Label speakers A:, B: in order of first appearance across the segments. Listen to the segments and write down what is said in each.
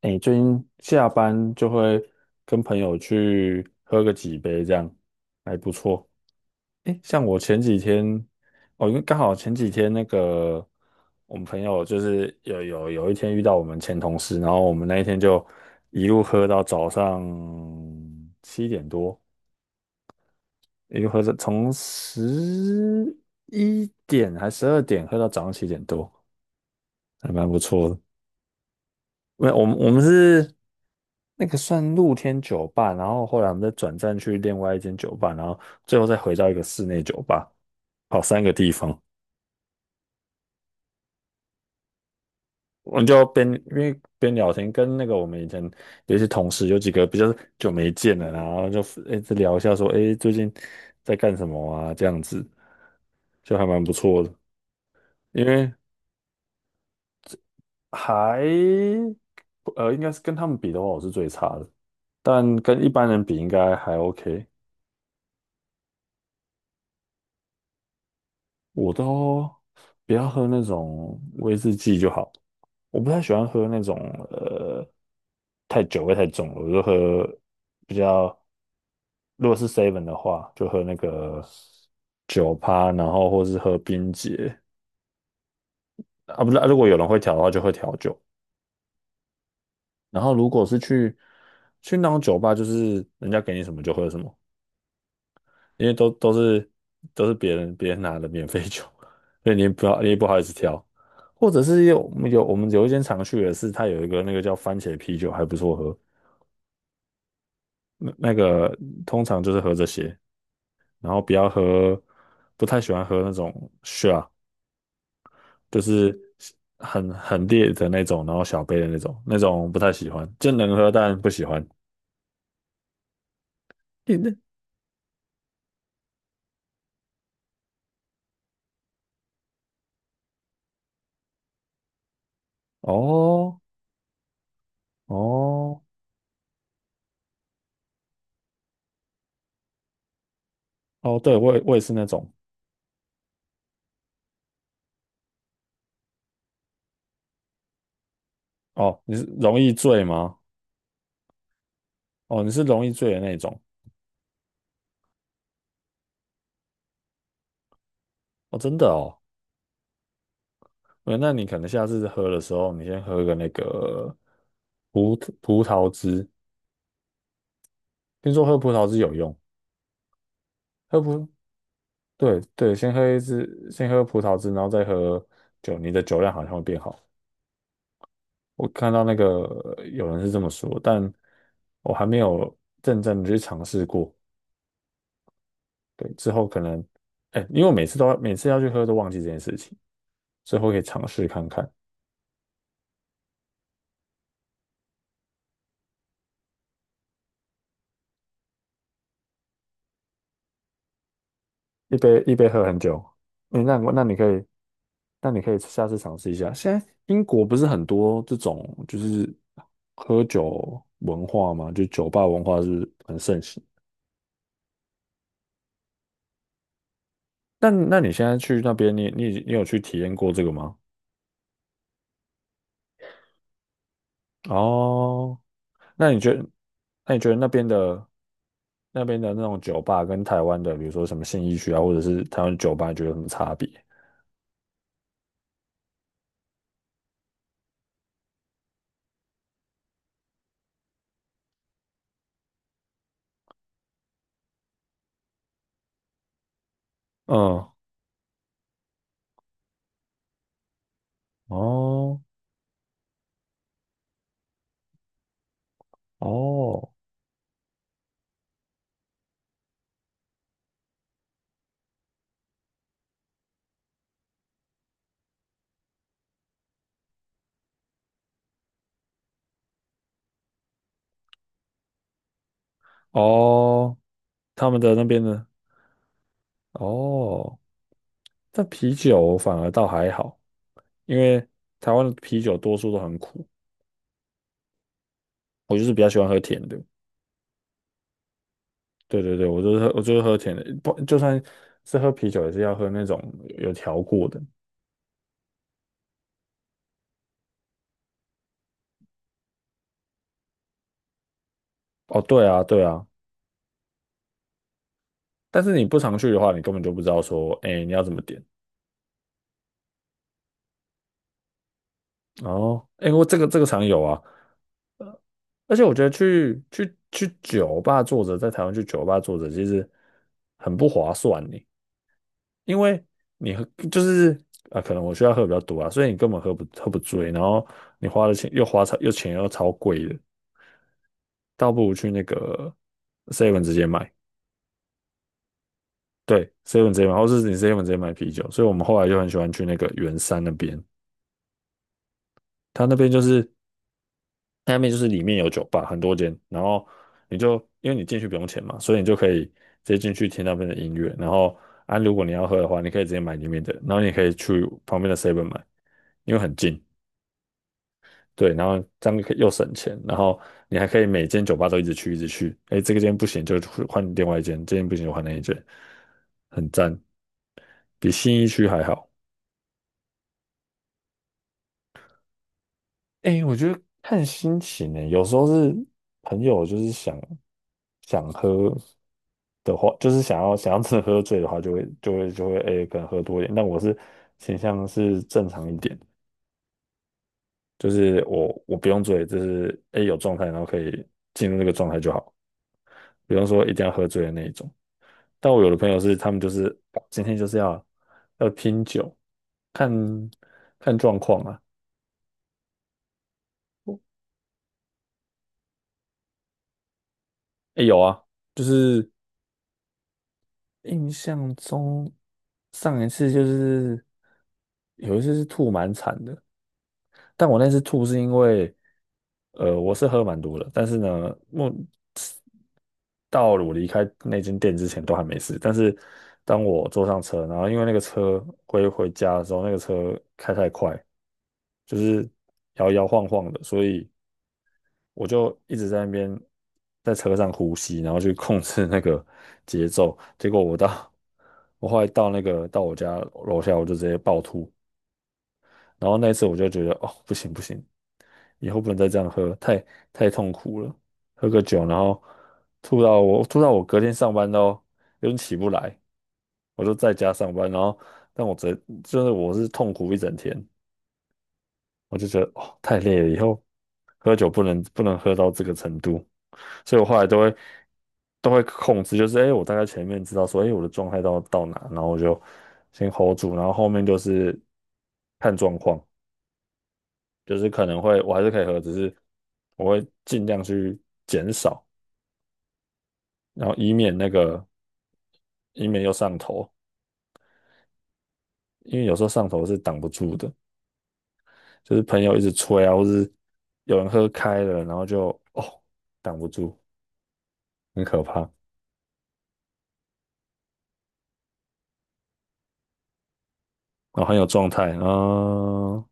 A: 哎，最近下班就会跟朋友去喝个几杯，这样还不错。哎，像我前几天，哦，因为刚好前几天那个我们朋友就是有一天遇到我们前同事，然后我们那一天就一路喝到早上七点多，一路喝到从十一点还十二点喝到早上七点多，还蛮不错的。没有，我们是那个算露天酒吧，然后后来我们再转战去另外一间酒吧，然后最后再回到一个室内酒吧，跑三个地方。我们就边因为边聊天，跟那个我们以前有一些同事，有几个比较久没见了，然后就一直聊一下说，哎，最近在干什么啊？这样子就还蛮不错的，因为还应该是跟他们比的话，我是最差的，但跟一般人比应该还 OK。我都不要喝那种威士忌就好，我不太喜欢喝那种呃太酒味太重了，我就喝比较如果是 seven 的话，就喝那个酒趴，然后或是喝冰杰啊，不是，啊如果有人会调的话，就会调酒。然后如果是去那种酒吧，就是人家给你什么就喝什么，因为都是别人拿的免费酒，所以你也不好意思挑，或者是我们有一间常去的是它有一个那个叫番茄啤酒还不错喝，那个通常就是喝这些，然后不要喝，不太喜欢喝那种 shot，就是很烈的那种，然后小杯的那种，那种不太喜欢，就能喝但不喜欢。诶那哦哦哦，对我也是那种哦，你是容易醉吗？哦，你是容易醉的那种哦，真的哦。那你可能下次喝的时候，你先喝个那个葡葡萄汁，听说喝葡萄汁有用。喝葡，对对，先喝一支，先喝葡萄汁，然后再喝酒，你的酒量好像会变好。我看到那个有人是这么说，但我还没有认真的去尝试过。对，之后可能，哎，因为我每次要去喝都忘记这件事情，之后可以尝试看看。一杯一杯喝很久。嗯，那你可以下次尝试一下。现在英国不是很多这种就是喝酒文化吗？就酒吧文化是很盛行。那你现在去那边，你有去体验过这个吗？哦，那你觉得，那你觉得那边的那种酒吧跟台湾的，比如说什么信义区啊，或者是台湾酒吧，你觉得有什么差别？嗯，哦哦哦，他们的那边呢？哦，但啤酒反而倒还好，因为台湾的啤酒多数都很苦，我就是比较喜欢喝甜的。对对对，我就是喝甜的，不，就算是喝啤酒也是要喝那种有调过的。哦，对啊，对啊，但是你不常去的话，你根本就不知道说，哎，你要怎么点。哦，哎，我这个这个常有啊，而且我觉得去酒吧坐着，在台湾去酒吧坐着，其实很不划算呢。因为你喝就是啊、可能我需要喝比较多啊，所以你根本喝不醉，然后你花的钱又花超又钱又超贵的，倒不如去那个 Seven 直接买，对，Seven 直接买，或是你 Seven 直接买啤酒。所以我们后来就很喜欢去那个圆山那边，它那边就是下面就是里面有酒吧很多间，然后你就因为你进去不用钱嘛，所以你就可以直接进去听那边的音乐，然后啊如果你要喝的话，你可以直接买里面的，然后你可以去旁边的 Seven 买，因为很近。对，然后这样可以又省钱，然后你还可以每间酒吧都一直去，一直去。哎，这个间不行就换另外一间，这间不行就换那一间，很赞，比新一区还好。哎，我觉得看心情呢，有时候是朋友就是想喝的话，就是想要真的喝醉的话就，会哎，可能喝多一点。但我是倾向是正常一点，就是我不用醉，就是哎有状态，然后可以进入那个状态就好，不用说一定要喝醉的那一种。但我有的朋友是他们就是今天就是要拼酒，看看状况啊。哎，有啊，就是印象中上一次就是有一次是吐蛮惨的，但我那次吐是因为，我是喝蛮多的，但是呢，我到了我离开那间店之前都还没事。但是当我坐上车，然后因为那个车回家的时候，那个车开太快，就是摇摇晃晃的，所以我就一直在那边在车上呼吸，然后去控制那个节奏。结果我到 我后来到那个到我家楼下，我就直接暴吐。然后那一次我就觉得哦，不行不行，以后不能再这样喝，太痛苦了。喝个酒，然后吐到我隔天上班都有点起不来，我就在家上班，然后但我整就是我是痛苦一整天，我就觉得哦太累了，以后喝酒不能喝到这个程度，所以我后来都会控制，就是哎、诶我大概前面知道说哎、诶我的状态到哪，然后我就先 hold 住，然后后面就是看状况。就是可能会我还是可以喝，只是我会尽量去减少，然后以免又上头，因为有时候上头是挡不住的，就是朋友一直催啊，或是有人喝开了，然后就哦挡不住，很可怕，然后很有状态啊。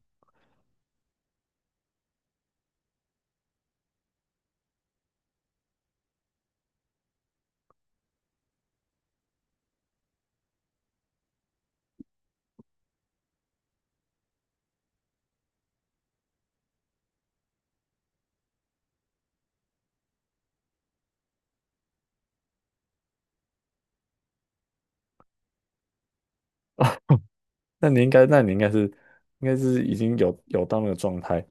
A: 那你应该是已经有到那个状态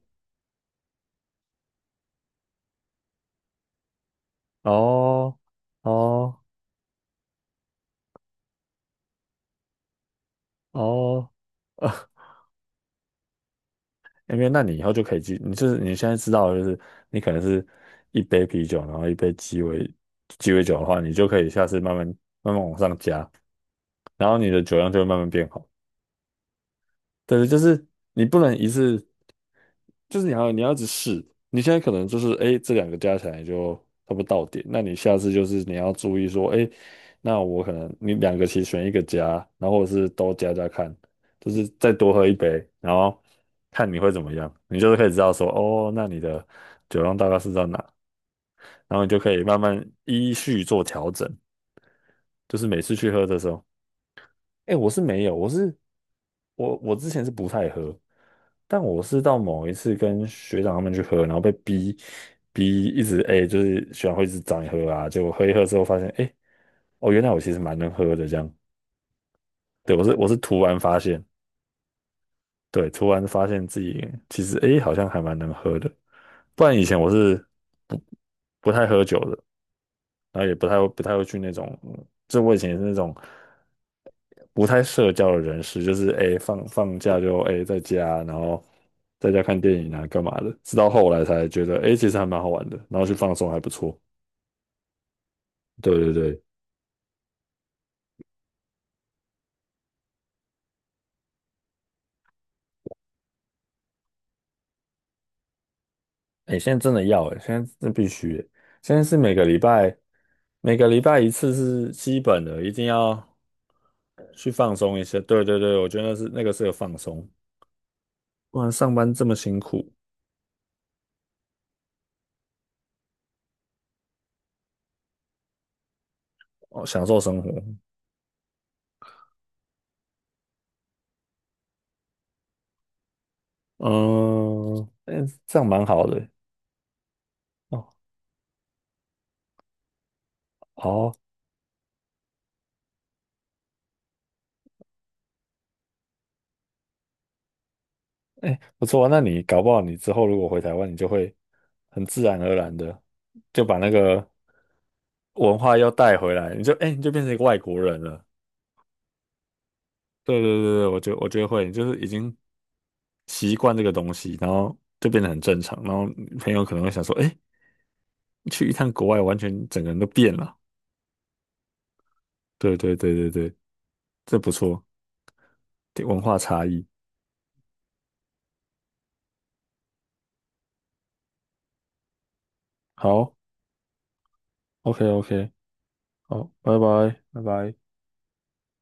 A: 哦哦哦。因为那你以后就可以记，你就是你现在知道，就是你可能是一杯啤酒，然后一杯鸡尾酒的话，你就可以下次慢慢往上加，然后你的酒量就会慢慢变好。对，就是你不能一次，就是你要一直试。你现在可能就是哎，诶这两个加起来就差不多到点，那你下次就是你要注意说，哎，那我可能你两个其实选一个加，然后或者是都加加看，就是再多喝一杯，然后看你会怎么样，你就是可以知道说，哦，那你的酒量大概是在哪，然后你就可以慢慢依序做调整，就是每次去喝的时候。哎，我是没有，我之前是不太喝，但我是到某一次跟学长他们去喝，然后被逼一直哎，就是学长会一直找你喝啊，结果喝一喝之后发现，哎，哦，原来我其实蛮能喝的这样。对，我是突然发现，对，突然发现自己其实哎好像还蛮能喝的，不然以前我是不不太喝酒的。然后也不太会去那种，就我以前也是那种不太社交的人士，就是哎、诶放假就哎、诶在家，然后在家看电影啊干嘛的，直到后来才觉得哎、诶其实还蛮好玩的，然后去放松还不错。对对对，哎、现在真的要哎、现在真必须欸、诶现在是每个礼拜一次是基本的，一定要去放松一下。对对对，我觉得那是那个是个放松，不然上班这么辛苦哦，享受生活。嗯，哎，这样蛮好的哦。好，哎，不错啊。那你搞不好你之后如果回台湾，你就会很自然而然的就把那个文化又带回来，你就哎，你就变成一个外国人了。对对对对，我觉得会，就是已经习惯这个东西，然后就变得很正常。然后朋友可能会想说，哎，去一趟国外，完全整个人都变了。对对对对对，这不错，文化差异。好，OK OK，好，拜拜拜拜。